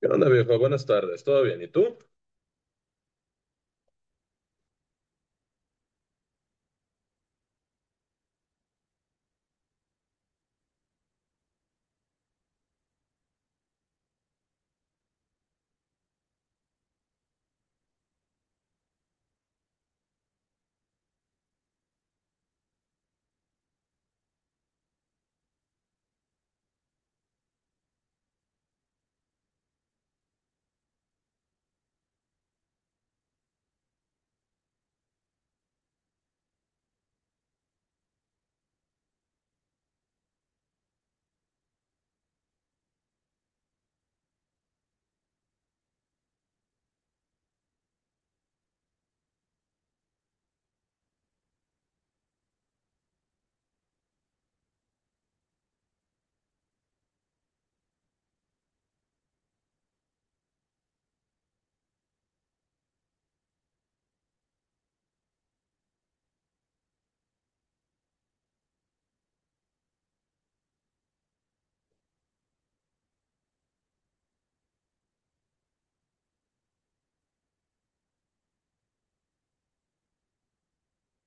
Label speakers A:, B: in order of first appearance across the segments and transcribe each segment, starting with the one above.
A: ¿Qué onda, viejo? Buenas tardes. ¿Todo bien? ¿Y tú?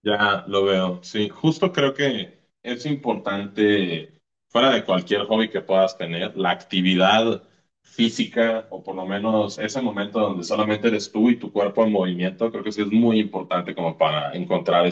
A: Ya lo veo, sí, justo creo que es importante, fuera de cualquier hobby que puedas tener, la actividad física o por lo menos ese momento donde solamente eres tú y tu cuerpo en movimiento, creo que sí es muy importante como para encontrar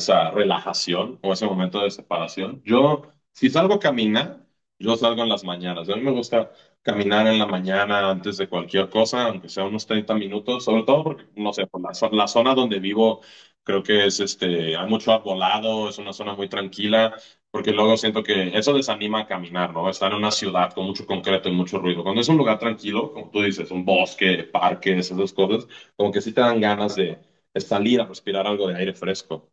A: o ese momento de separación. Yo, si salgo a caminar, yo salgo en las mañanas. A mí me gusta caminar en la mañana antes de cualquier cosa, aunque sea unos 30 minutos, sobre todo porque, no sé, por la zona donde vivo, creo que es este, hay mucho arbolado, es una zona muy tranquila, porque luego siento que eso desanima a caminar, ¿no? Estar en una ciudad con mucho concreto y mucho ruido. Cuando es un lugar tranquilo, como tú dices, un bosque, parques, esas cosas, como que sí te dan ganas de salir a respirar algo de aire fresco.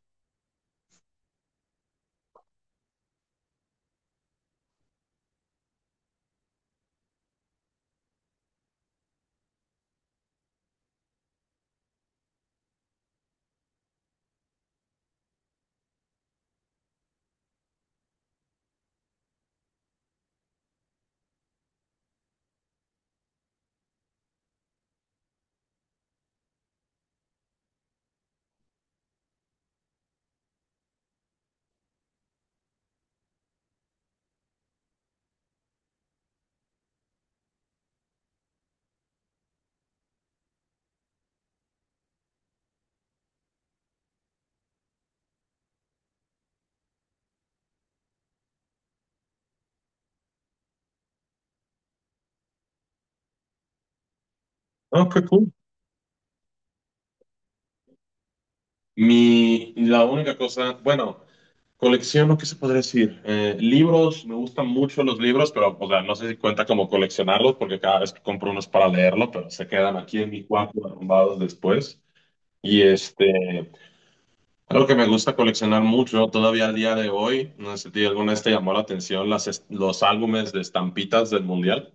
A: Ah, qué cool. Mi, la única cosa, bueno, colecciono, ¿qué se podría decir? Libros, me gustan mucho los libros, pero, o sea, no sé si cuenta como coleccionarlos, porque cada vez que compro unos para leerlo, pero se quedan aquí en mi cuarto arrumbados después. Y este, algo que me gusta coleccionar mucho, todavía al día de hoy, no sé si alguna vez te llamó la atención los álbumes de estampitas del mundial.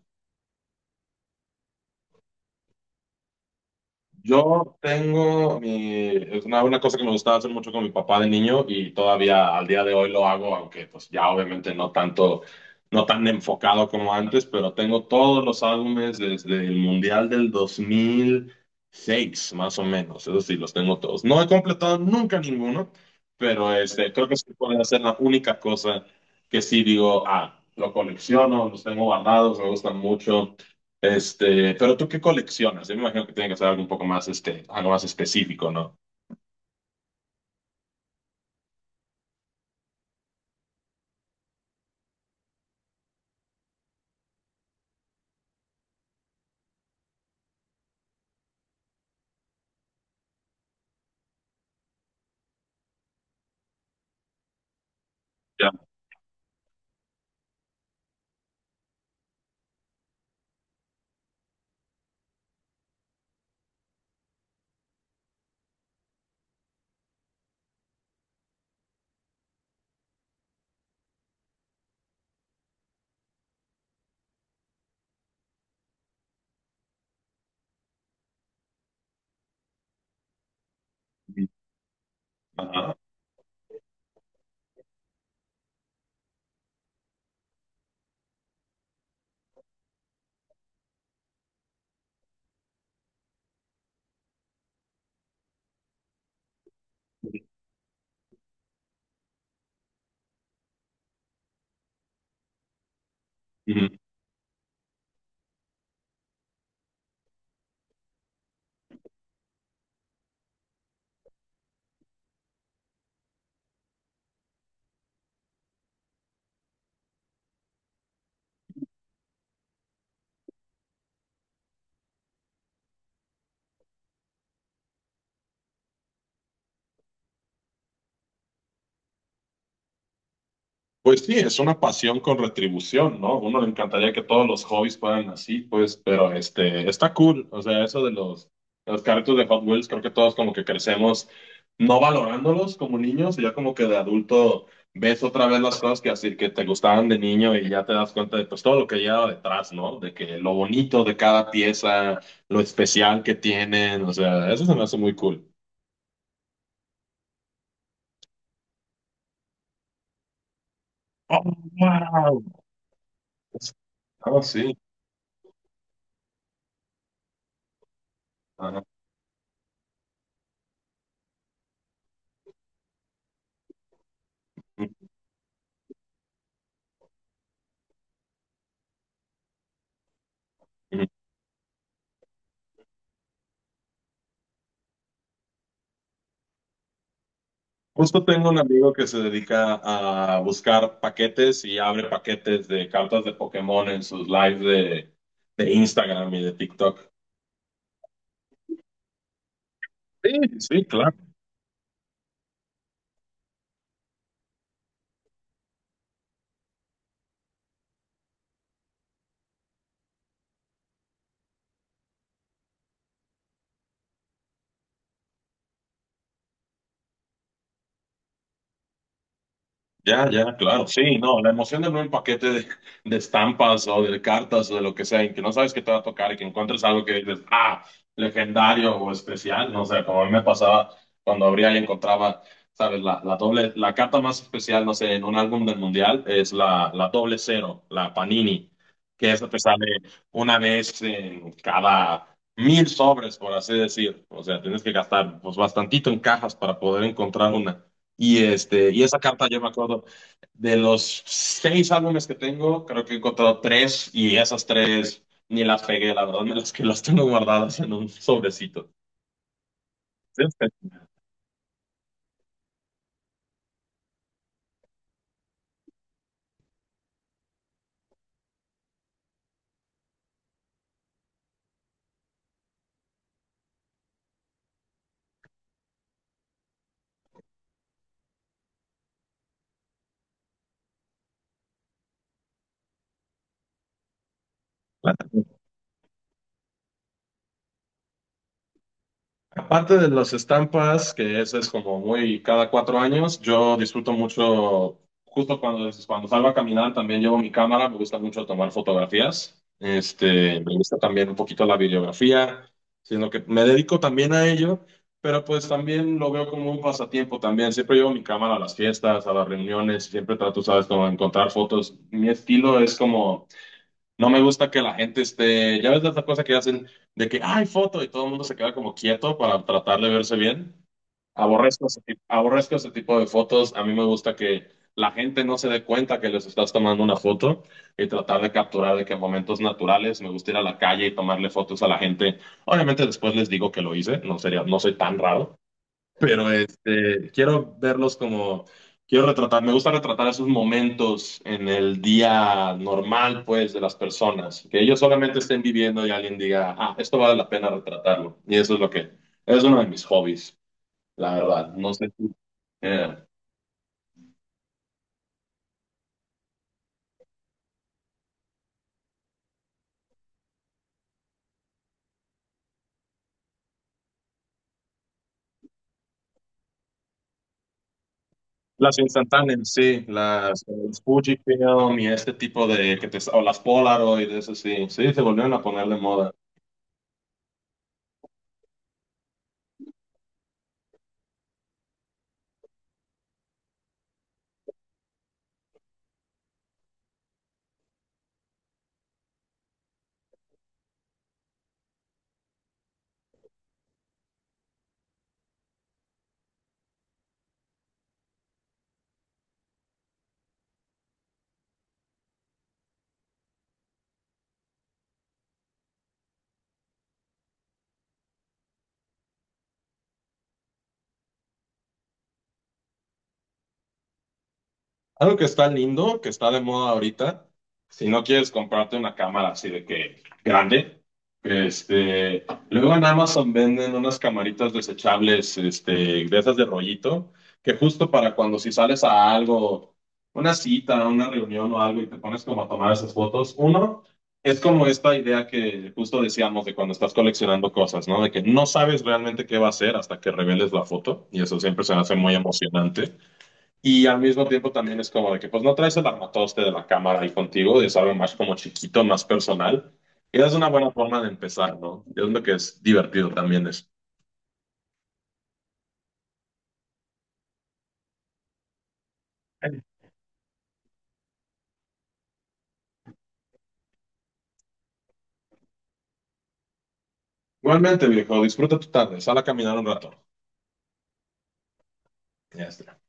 A: Yo tengo mi, es una cosa que me gustaba hacer mucho con mi papá de niño y todavía al día de hoy lo hago, aunque pues ya obviamente no tanto, no tan enfocado como antes, pero tengo todos los álbumes desde el Mundial del 2006 más o menos, eso sí, los tengo todos. No he completado nunca ninguno, pero este, creo que sí puede ser la única cosa que sí digo, ah, lo colecciono, los tengo guardados, me gustan mucho. Este, pero ¿tú qué coleccionas? Yo me imagino que tiene que ser algo un poco más, este, algo más específico, ¿no? Ya. Ajá. Ujú. Pues sí, es una pasión con retribución, ¿no? Uno le encantaría que todos los hobbies fueran así, pues, pero este, está cool. O sea, eso de los carritos de Hot Wheels, creo que todos como que crecemos no valorándolos como niños, y ya como que de adulto ves otra vez las cosas que así que te gustaban de niño y ya te das cuenta de pues todo lo que lleva detrás, ¿no? De que lo bonito de cada pieza, lo especial que tienen, o sea, eso se me hace muy cool. Oh, wow. Ah, sí. Ajá. Mm, mm. Justo tengo un amigo que se dedica a buscar paquetes y abre paquetes de cartas de Pokémon en sus lives de Instagram y de TikTok. Sí, sí, claro. Ya, ya, claro, sí, no, la emoción de ver un paquete de estampas o de cartas o de lo que sea, y que no sabes qué te va a tocar y que encuentres algo que dices, ah, legendario o especial, no sé, como a mí me pasaba cuando abría y encontraba, sabes, la doble, la carta más especial, no sé, en un álbum del mundial es la doble cero, la Panini, que esa te sale una vez en cada 1000 sobres, por así decir, o sea, tienes que gastar pues bastantito en cajas para poder encontrar una. Y, este, y esa carta yo me acuerdo, de los seis álbumes que tengo, creo que he encontrado tres y esas tres ni las pegué, la verdad, me las que las tengo guardadas en un sobrecito. Aparte de las estampas, que eso es como muy cada 4 años, yo disfruto mucho, justo cuando salgo a caminar, también llevo mi cámara, me gusta mucho tomar fotografías, este, me gusta también un poquito la videografía, sino que me dedico también a ello, pero pues también lo veo como un pasatiempo también, siempre llevo mi cámara a las fiestas, a las reuniones, siempre trato, sabes, como encontrar fotos, mi estilo es como... No me gusta que la gente esté, ya ves esa cosa que hacen de que hay foto y todo el mundo se queda como quieto para tratar de verse bien. Aborrezco ese tipo de fotos. A mí me gusta que la gente no se dé cuenta que les estás tomando una foto y tratar de capturar de que momentos naturales. Me gusta ir a la calle y tomarle fotos a la gente. Obviamente después les digo que lo hice, no sería, no soy tan raro. Pero este, quiero verlos como, quiero retratar, me gusta retratar esos momentos en el día normal, pues, de las personas, que ellos solamente estén viviendo y alguien diga, ah, esto vale la pena retratarlo. Y eso es lo que, es uno de mis hobbies, la verdad. No sé si, eh, las instantáneas, sí, las el Fujifilm y este tipo de, que te, o las Polaroid, eso sí, sí, se volvieron a poner de moda. Algo que está lindo, que está de moda ahorita, si no quieres comprarte una cámara así de que grande, este, luego en Amazon venden unas camaritas desechables, este, de esas de rollito, que justo para cuando si sales a algo, una cita, una reunión o algo y te pones como a tomar esas fotos, uno, es como esta idea que justo decíamos de cuando estás coleccionando cosas, ¿no? De que no sabes realmente qué va a ser hasta que reveles la foto y eso siempre se me hace muy emocionante. Y al mismo tiempo también es como de que pues no traes el armatoste de la cámara ahí contigo, es algo más como chiquito, más personal. Y es una buena forma de empezar, ¿no? Y es lo que es divertido también es. Igualmente, viejo, disfruta tu tarde, sal a caminar un rato. Ya está.